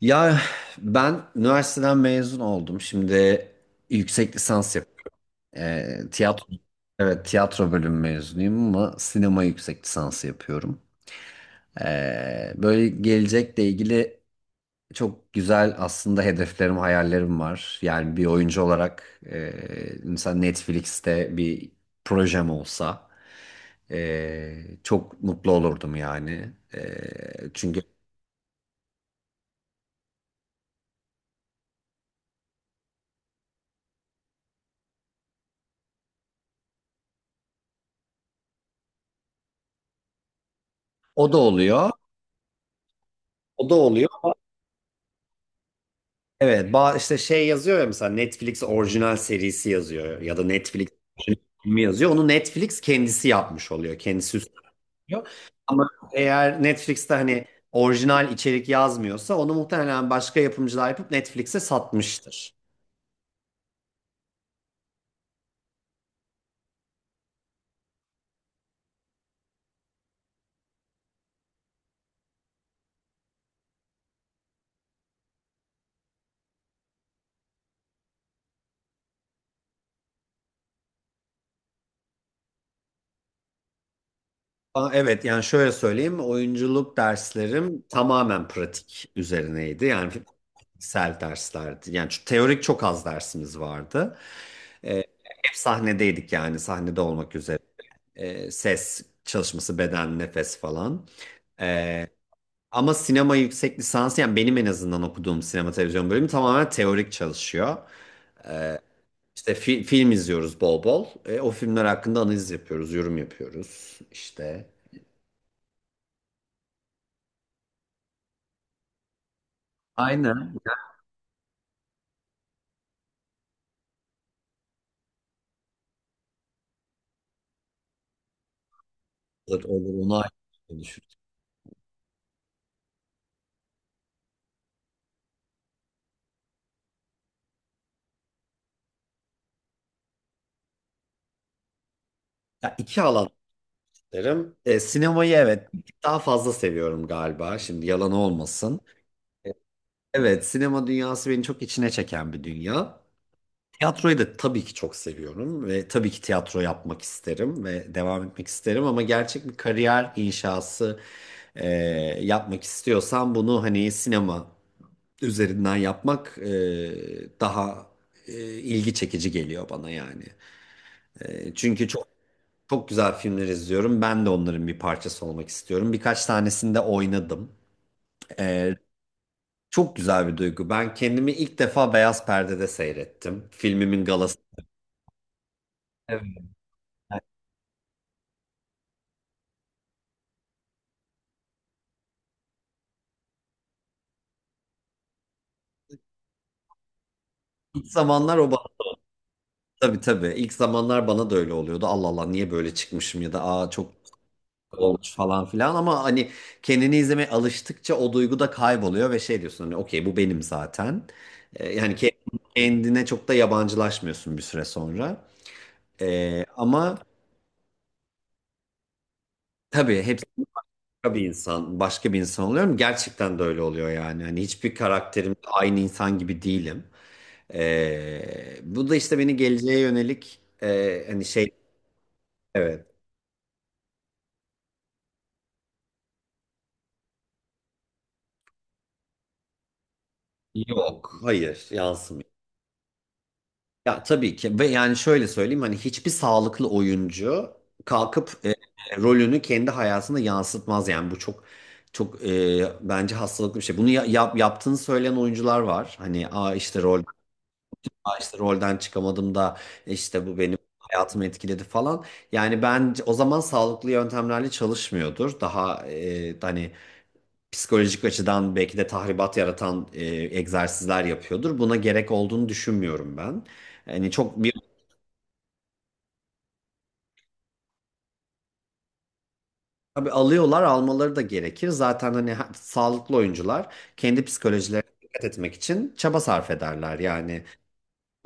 Ya ben üniversiteden mezun oldum. Şimdi yüksek lisans yapıyorum. Tiyatro, evet, tiyatro bölümü mezunuyum ama sinema yüksek lisansı yapıyorum. Böyle gelecekle ilgili çok güzel aslında hedeflerim, hayallerim var. Yani bir oyuncu olarak mesela Netflix'te bir projem olsa çok mutlu olurdum yani. Çünkü o da oluyor. O da oluyor. Evet, işte şey yazıyor ya, mesela Netflix orijinal serisi yazıyor ya da Netflix orijinal filmi yazıyor. Onu Netflix kendisi yapmış oluyor. Kendisi üstleniyor. Ama eğer Netflix'te hani orijinal içerik yazmıyorsa onu muhtemelen başka yapımcılar yapıp Netflix'e satmıştır. Aa, evet, yani şöyle söyleyeyim, oyunculuk derslerim tamamen pratik üzerineydi. Yani fikirsel derslerdi. Yani şu teorik çok az dersimiz vardı. Ee, Hep sahnedeydik yani, sahnede olmak üzere. Ses çalışması, beden, nefes falan. Ee, Ama sinema yüksek lisansı, yani benim en azından okuduğum sinema televizyon bölümü tamamen teorik çalışıyor. İşte film izliyoruz bol bol. O filmler hakkında analiz yapıyoruz, yorum yapıyoruz işte. Aynen. Olur, olur, onu ayrı konuşuruz. Ya iki alan derim. Sinemayı evet, bir tık daha fazla seviyorum galiba. Şimdi yalan olmasın. Evet, sinema dünyası beni çok içine çeken bir dünya. Tiyatroyu da tabii ki çok seviyorum ve tabii ki tiyatro yapmak isterim ve devam etmek isterim, ama gerçek bir kariyer inşası e, yapmak istiyorsam bunu, hani, sinema üzerinden yapmak daha ilgi çekici geliyor bana yani. Çünkü çok güzel filmler izliyorum. Ben de onların bir parçası olmak istiyorum. Birkaç tanesinde oynadım. E, Çok güzel bir duygu. Ben kendimi ilk defa beyaz perdede seyrettim. Filmimin galası. Evet. Yani, İlk zamanlar o bana, tabii, tabii. İlk zamanlar bana da öyle oluyordu. Allah Allah, niye böyle çıkmışım ya da aa çok olmuş falan filan, ama hani, kendini izlemeye alıştıkça o duygu da kayboluyor ve şey diyorsun, hani, okey, bu benim zaten. Yani kendine çok da yabancılaşmıyorsun bir süre sonra. Ama tabii hepsi bir insan, başka bir insan oluyorum. Gerçekten de öyle oluyor yani. Hani hiçbir karakterim aynı insan gibi değilim. Bu da işte beni geleceğe yönelik hani şey, evet, yok, hayır, yansımıyor. Ya tabii ki, ve yani şöyle söyleyeyim, hani hiçbir sağlıklı oyuncu kalkıp rolünü kendi hayatında yansıtmaz yani, bu çok bence hastalıklı bir şey. Bunu yaptığını söyleyen oyuncular var. Hani, aa, işte işte rolden çıkamadım da, işte bu benim hayatımı etkiledi falan. Yani ben, o zaman sağlıklı yöntemlerle çalışmıyordur. Daha hani psikolojik açıdan belki de tahribat yaratan egzersizler yapıyordur. Buna gerek olduğunu düşünmüyorum ben. Yani çok bir, tabii alıyorlar, almaları da gerekir. Zaten hani sağlıklı oyuncular kendi psikolojilerine dikkat etmek için çaba sarf ederler. Yani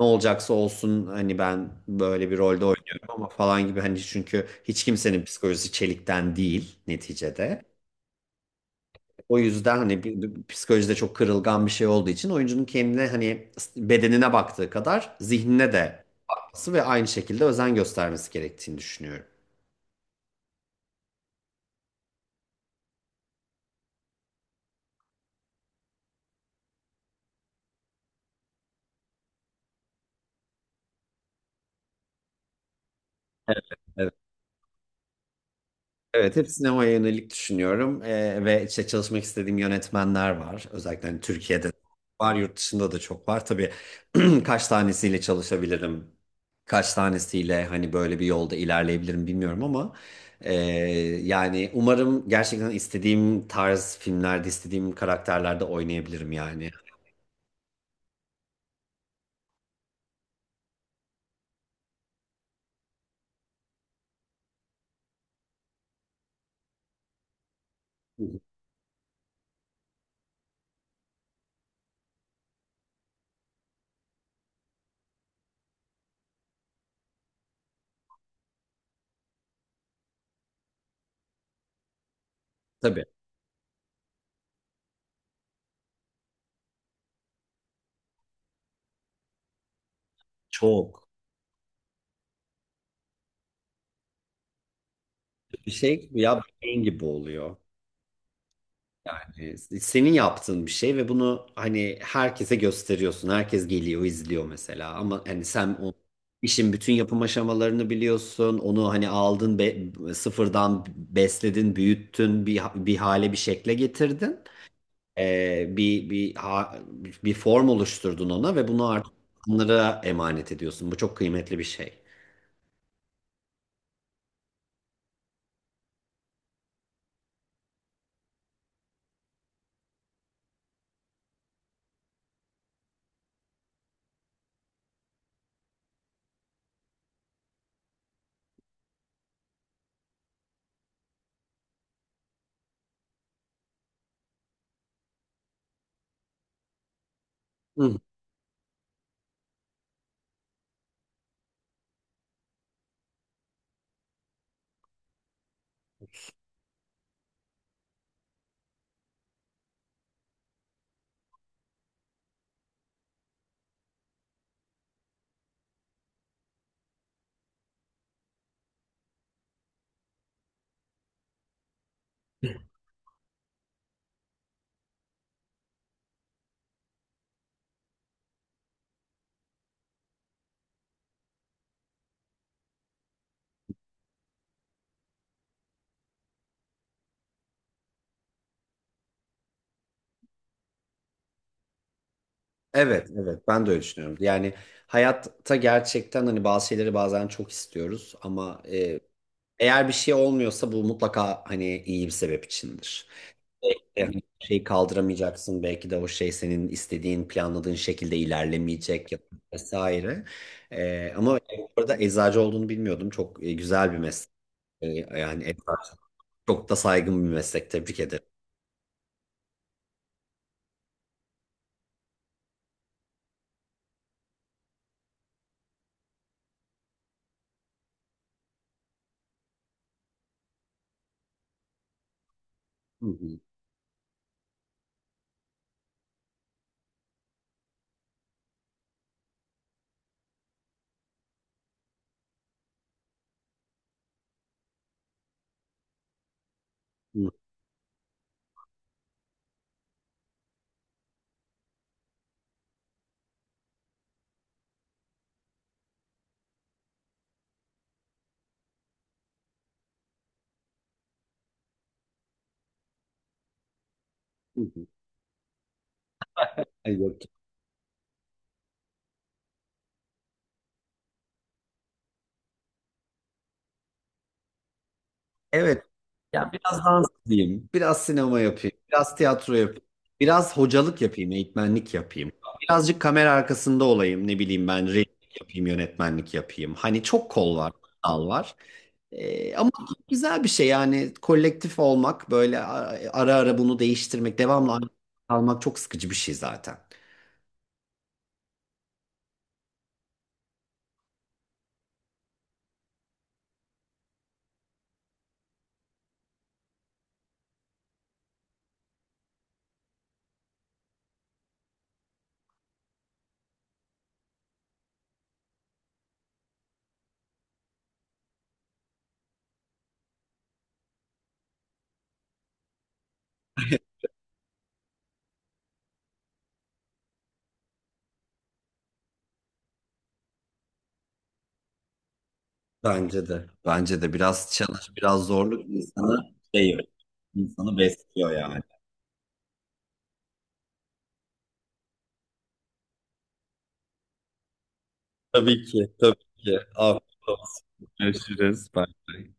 ne olacaksa olsun, hani ben böyle bir rolde oynuyorum ama falan gibi, hani çünkü hiç kimsenin psikolojisi çelikten değil neticede. O yüzden hani psikolojide çok kırılgan bir şey olduğu için oyuncunun kendine, hani bedenine baktığı kadar zihnine de bakması ve aynı şekilde özen göstermesi gerektiğini düşünüyorum. Evet, hep sinemaya yönelik düşünüyorum. Ve işte çalışmak istediğim yönetmenler var. Özellikle hani Türkiye'de var, yurt dışında da çok var. Tabii, kaç tanesiyle çalışabilirim, kaç tanesiyle hani böyle bir yolda ilerleyebilirim bilmiyorum, ama e, yani umarım gerçekten istediğim tarz filmlerde, istediğim karakterlerde oynayabilirim yani. Hı hı. Tabii, çok bir şey ya, beyin gibi oluyor. Yani senin yaptığın bir şey ve bunu hani herkese gösteriyorsun. Herkes geliyor, izliyor mesela. Ama hani sen o işin bütün yapım aşamalarını biliyorsun. Onu hani aldın, sıfırdan besledin, büyüttün, bir hale, bir şekle getirdin. Bir bir form oluşturdun ona ve bunu artık onlara emanet ediyorsun. Bu çok kıymetli bir şey. Hı. Evet, evet. Ben de öyle düşünüyorum. Yani hayatta gerçekten hani bazı şeyleri bazen çok istiyoruz, ama eğer bir şey olmuyorsa bu mutlaka hani iyi bir sebep içindir. Yani bir şeyi kaldıramayacaksın, belki de o şey senin istediğin, planladığın şekilde ilerlemeyecek ya da vesaire. Ama burada eczacı olduğunu bilmiyordum. Çok güzel bir meslek. Ee, Yani eczacı çok da saygın bir meslek. Tebrik ederim. Hı hı, hı hı, hı hı. Ay, yok. Evet. Ya biraz dans edeyim, biraz sinema yapayım, biraz tiyatro yapayım, biraz hocalık yapayım, eğitmenlik yapayım. Birazcık kamera arkasında olayım, ne bileyim, ben rejisörlük yapayım, yönetmenlik yapayım. Hani çok kol var, dal var. Ama güzel bir şey yani, kolektif olmak, böyle ara ara bunu değiştirmek, devamlı kalmak çok sıkıcı bir şey zaten. Bence de. Bence de biraz challenge, biraz zorluk insanı şey, insanı besliyor yani. Tabii ki, tabii ki. Afiyet olsun. Görüşürüz. Bye.